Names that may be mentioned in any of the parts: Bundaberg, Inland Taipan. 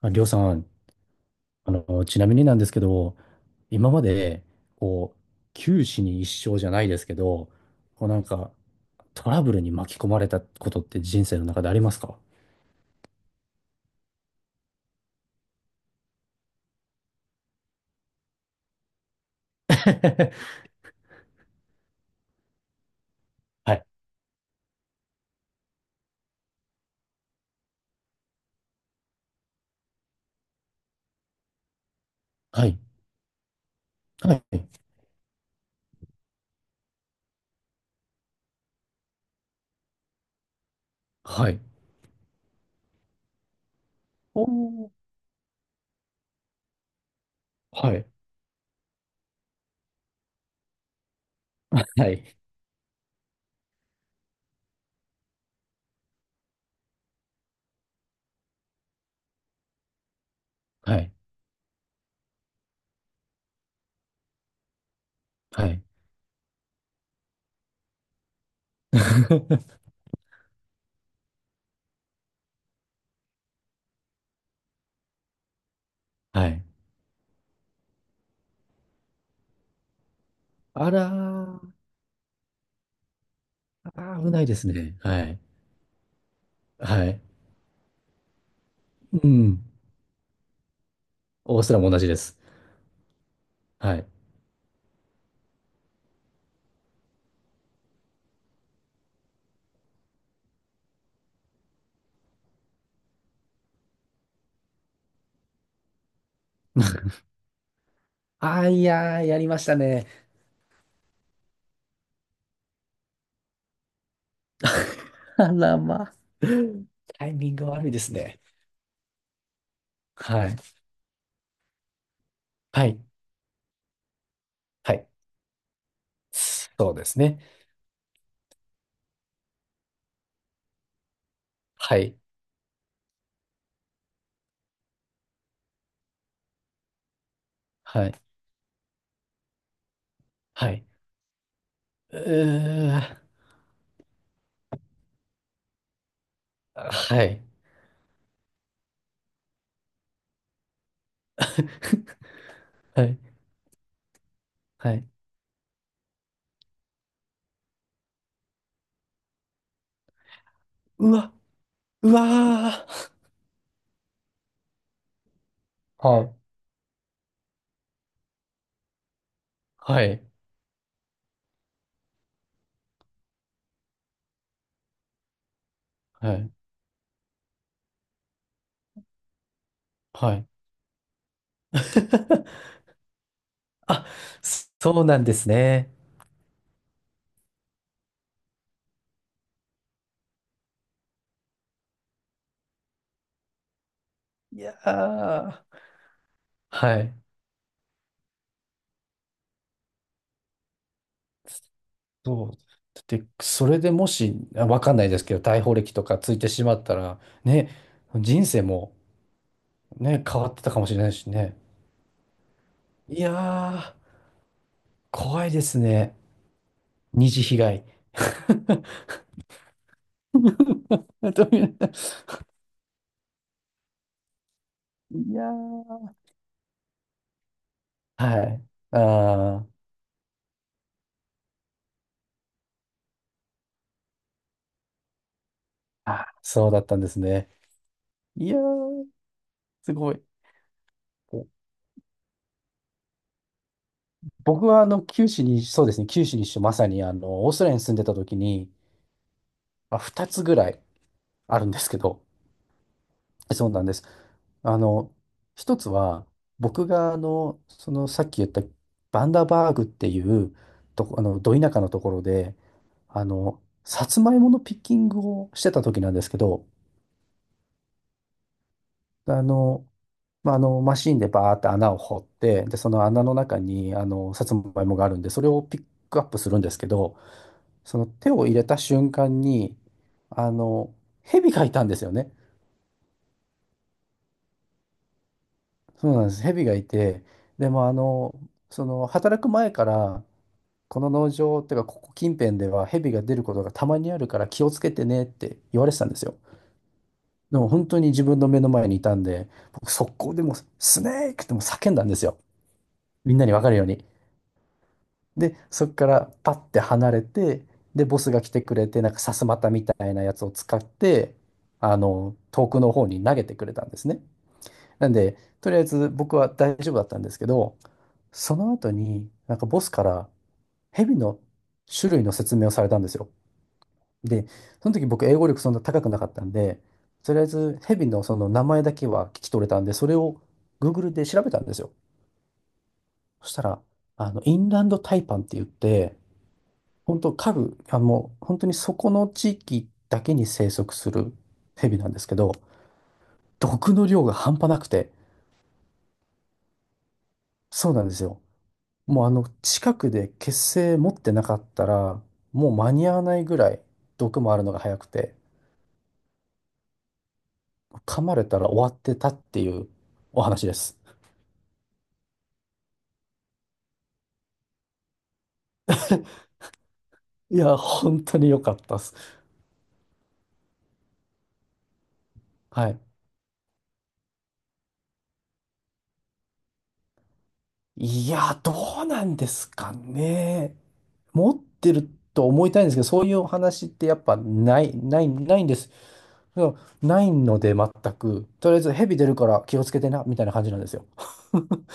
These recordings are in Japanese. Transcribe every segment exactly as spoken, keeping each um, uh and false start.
まあ、りょうさん、あの、ちなみになんですけど、今まで、こう、九死に一生じゃないですけど、こうなんか、トラブルに巻き込まれたことって人生の中でありますか？ はい。はい。はい。はい。おー。はい。はい。はい。はい。はい。あらー。あー、危ないですね。はい。はい。うん。オーストラも同じです。はい。ああ、いやー、やりましたね。あらまあ。タイミング悪いですね。はい。はい。はい。そうですね。はい。はい。はい。うー。はい。はい。はい。うわ。うわー。はい。はい。はい。はい。あ、そうなんですね。いやー。はい。そう。だって、それでもし、あわかんないですけど、逮捕歴とかついてしまったら、ね、人生も、ね、変わってたかもしれないしね。いやー、怖いですね。二次被害。どういう、いやー、はい。あー、あ、そうだったんですね。いやー、すごい。僕はあの、九州に、そうですね、九州にしてまさにあの、オーストラリアに住んでた時に、まあ、ふたつぐらいあるんですけど、そうなんです。あの、一つは、僕が、あの、その、さっき言ったバンダバーグっていうとこ、あの、ど田舎のところで、あの、さつまいものピッキングをしてた時なんですけど、あの、まあ、あの、マシンでバーって穴を掘って、で、その穴の中に、あの、さつまいもがあるんで、それをピックアップするんですけど、その手を入れた瞬間に、あの、蛇がいたんですよね。そうなんです。蛇がいて、でもあの、その働く前から、この農場っていうか、ここ近辺では蛇が出ることがたまにあるから気をつけてねって言われてたんですよ。でも本当に自分の目の前にいたんで、僕速攻でもうスネークってもう叫んだんですよ。みんなにわかるように。で、そこからパッて離れて、で、ボスが来てくれて、なんかさすまたみたいなやつを使って、あの、遠くの方に投げてくれたんですね。なんで、とりあえず僕は大丈夫だったんですけど、その後になんかボスから蛇の種類の説明をされたんですよ。で、その時僕英語力そんな高くなかったんで、とりあえず蛇のその名前だけは聞き取れたんで、それを Google で調べたんですよ。そしたら、あの、インランドタイパンって言って、本当家具、あ、もう本当にそこの地域だけに生息する蛇なんですけど、毒の量が半端なくて、そうなんですよ。もうあの、近くで血清持ってなかったら、もう間に合わないぐらい毒もあるのが早くて、噛まれたら終わってたっていうお話です。いや、本当に良かったです。はい。いや、どうなんですかね。持ってると思いたいんですけど、そういうお話ってやっぱない、ない、ないんです。うん。ないので全く、とりあえず蛇出るから気をつけてな、みたいな感じなんですよ。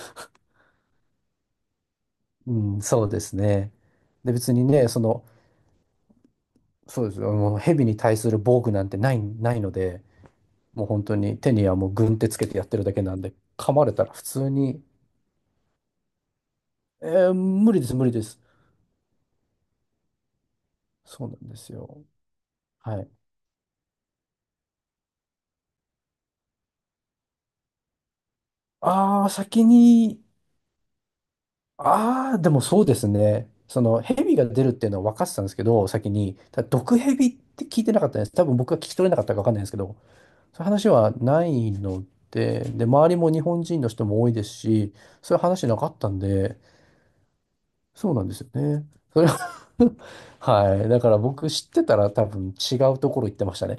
うん、そうですね。で、別にね、その、そうです。もう蛇に対する防具なんてない、ないので、もう本当に手にはもう軍手つけてやってるだけなんで、噛まれたら普通に、えー無理です、無理です。そうなんですよ。はい。ああ、先に、ああ、でもそうですね。その蛇が出るっていうのは分かってたんですけど、先に、ただ毒蛇って聞いてなかったんです。多分僕が聞き取れなかったか分かんないんですけど、そういう話はないので、で、周りも日本人の人も多いですし、そういう話なかったんで、そうなんですよね。それは はい。だから僕知ってたら多分違うところ行ってましたね。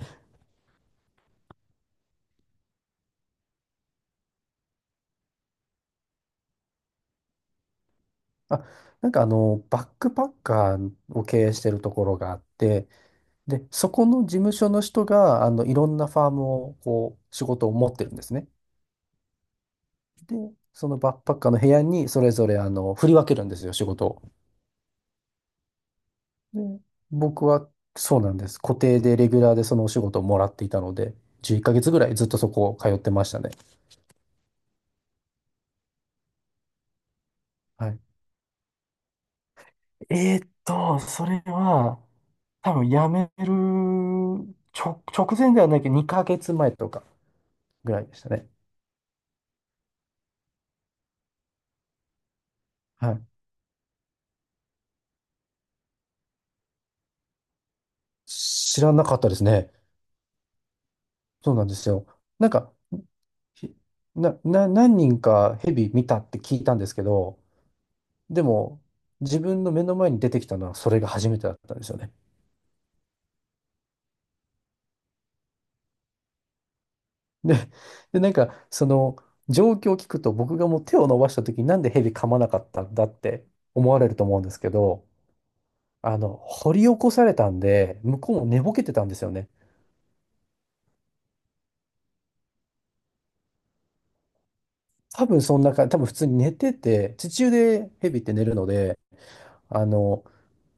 あ、なんかあの、バックパッカーを経営してるところがあって、で、そこの事務所の人が、あの、いろんなファームを、こう、仕事を持ってるんですね。で、そのバックパッカーの部屋にそれぞれ、あの、振り分けるんですよ、仕事を。で、僕はそうなんです。固定でレギュラーでそのお仕事をもらっていたので、じゅういっかげつぐらいずっとそこを通ってましたね。はい。えーっと、それは、多分辞める直、直前ではないけど、にかげつまえとかぐらいでしたね。はい。知らなかったですね。そうなんですよ。なんか、ひな、な、何人かヘビ見たって聞いたんですけど、でも、自分の目の前に出てきたのはそれが初めてだったんですよね。で、で、なんか、その、状況を聞くと、僕がもう手を伸ばした時になんでヘビ噛まなかったんだって思われると思うんですけど、あの、掘り起こされたんで、向こうも寝ぼけてたんですよね。多分そんなか、多分普通に寝てて、地中でヘビって寝るので、あの、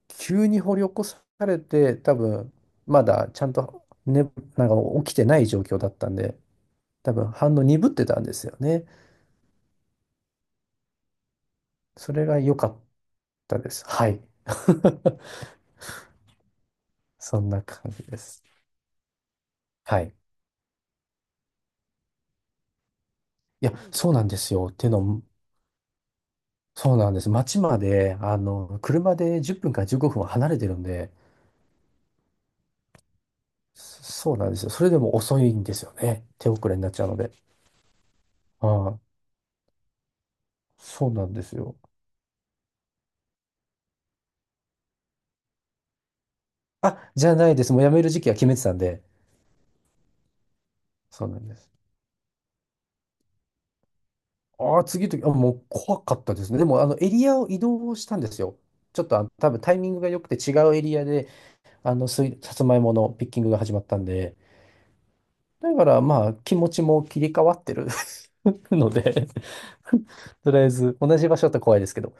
急に掘り起こされて、多分まだちゃんと、ね、なんか起きてない状況だったんで、多分反応鈍ってたんですよね。それが良かったです。はい。そんな感じです。はい。いや、そうなんですよ。っていうのも、そうなんです。町まで、あの、車でじゅっぷんからじゅうごふんは離れてるんで、そうなんですよ。それでも遅いんですよね。手遅れになっちゃうので。はい。そうなんですよ。あ、じゃないです。もう辞める時期は決めてたんで。そうなんです。ああ、次の時、あ、もう怖かったですね。でも、あの、エリアを移動したんですよ。ちょっと、あの、多分タイミングが良くて違うエリアで、あの、すい、さつまいものピッキングが始まったんで。だから、まあ、気持ちも切り替わってる ので とりあえず、同じ場所だったら怖いですけど。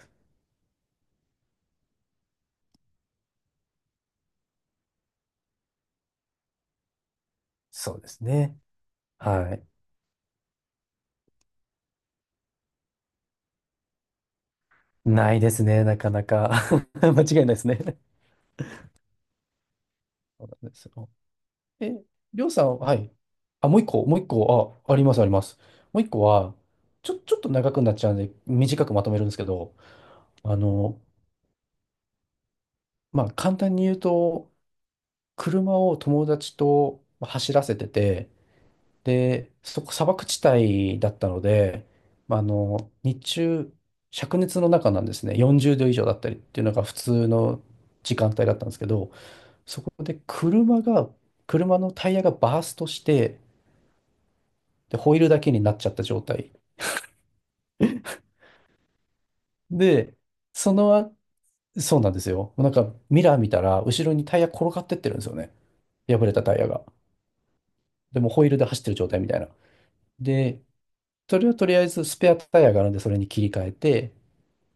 そうですね。はい。ないですね、なかなか。間違いないですね。そうなんですよ。え、りょうさん、はい。あ、もう一個、もう一個、あ、あります、あります。もう一個は、ちょ、ちょっと長くなっちゃうんで、短くまとめるんですけど、あの、まあ、簡単に言うと、車を友達と走らせてて、で、そこ、砂漠地帯だったので、まあ、あの、日中、灼熱の中なんですね、よんじゅうど以上だったりっていうのが普通の時間帯だったんですけど、そこで車が、車のタイヤがバーストして、で、ホイールだけになっちゃった状態。で、そのあ、そうなんですよ。なんかミラー見たら、後ろにタイヤ転がってってるんですよね。破れたタイヤが。でもホイールで走ってる状態みたいな。で、それをとりあえずスペアタイヤがあるんで、それに切り替えて、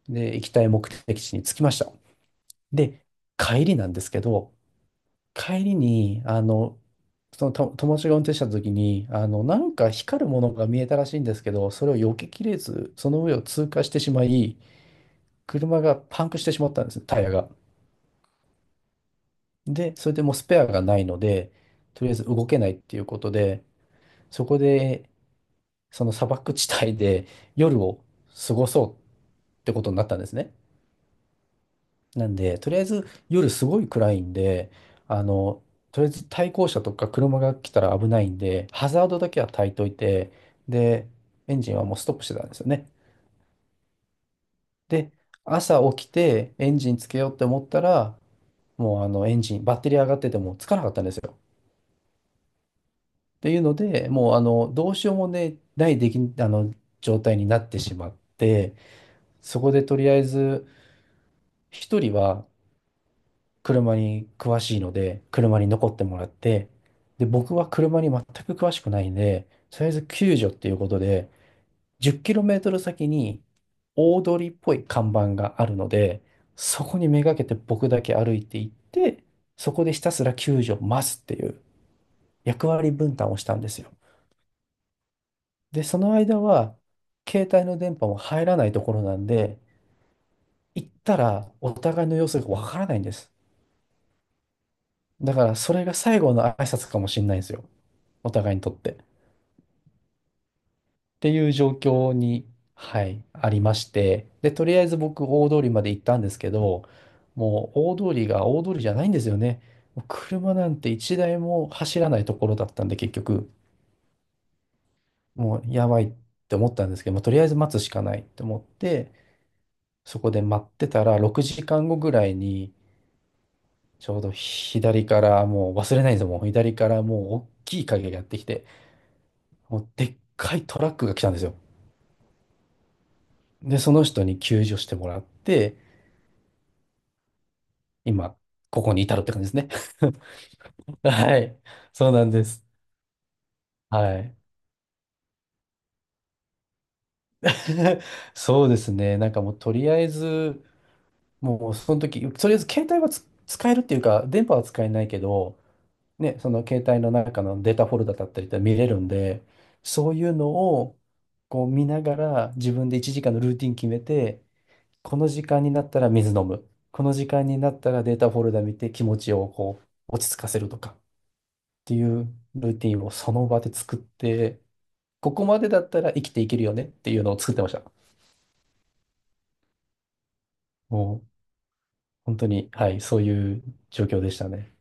で、行きたい目的地に着きました。で、帰りなんですけど、帰りに、あの、そのと友達が運転した時に、あの、なんか光るものが見えたらしいんですけど、それを避けきれず、その上を通過してしまい、車がパンクしてしまったんですね、タイヤが。で、それでもうスペアがないので、とりあえず動けないっていうことで、そこで、その砂漠地帯で夜を過ごそうってことになったんですね。なんで、とりあえず夜すごい暗いんで、あの、とりあえず対向車とか車が来たら危ないんで、ハザードだけは焚いといて、で、エンジンはもうストップしてたんですよね。で、朝起きてエンジンつけようって思ったら、もうあのエンジン、バッテリー上がっててもつかなかったんですよ。っていうので、もうあの、どうしようもね、ないでき、あの、状態になってしまって、そこでとりあえず、一人は車に詳しいので、車に残ってもらって、で、僕は車に全く詳しくないんで、とりあえず救助っていうことで、じっキロメートルメートル先に大通りっぽい看板があるので、そこにめがけて僕だけ歩いていって、そこでひたすら救助を待つっていう役割分担をしたんですよ。で、その間は、携帯の電波も入らないところなんで、行ったらお互いの様子がわからないんです。だから、それが最後の挨拶かもしれないんですよ。お互いにとって。っていう状況に、はい、ありまして。で、とりあえず僕、大通りまで行ったんですけど、もう大通りが大通りじゃないんですよね。もう車なんて一台も走らないところだったんで、結局、もうやばいって思ったんですけど、もうとりあえず待つしかないって思って、そこで待ってたら、ろくじかんごぐらいに、ちょうど左から、もう忘れないんですよ、もう左からもう大きい影がやってきて、もうでっかいトラックが来たんですよ。で、その人に救助してもらって、今、ここに至るって感じですね。はい。そうなんです。はい。そうですね。なんかもうとりあえず、もうその時、とりあえず携帯はつ使えるっていうか、電波は使えないけど、ね、その携帯の中のデータフォルダだったりって見れるんで、そういうのをこう見ながら自分でいちじかんのルーティン決めて、この時間になったら水飲む。この時間になったらデータフォルダ見て気持ちをこう落ち着かせるとか。ていうルーティンをその場で作って、ここまでだったら生きていけるよねっていうのを作ってました。もう本当に、はい、そういう状況でしたね。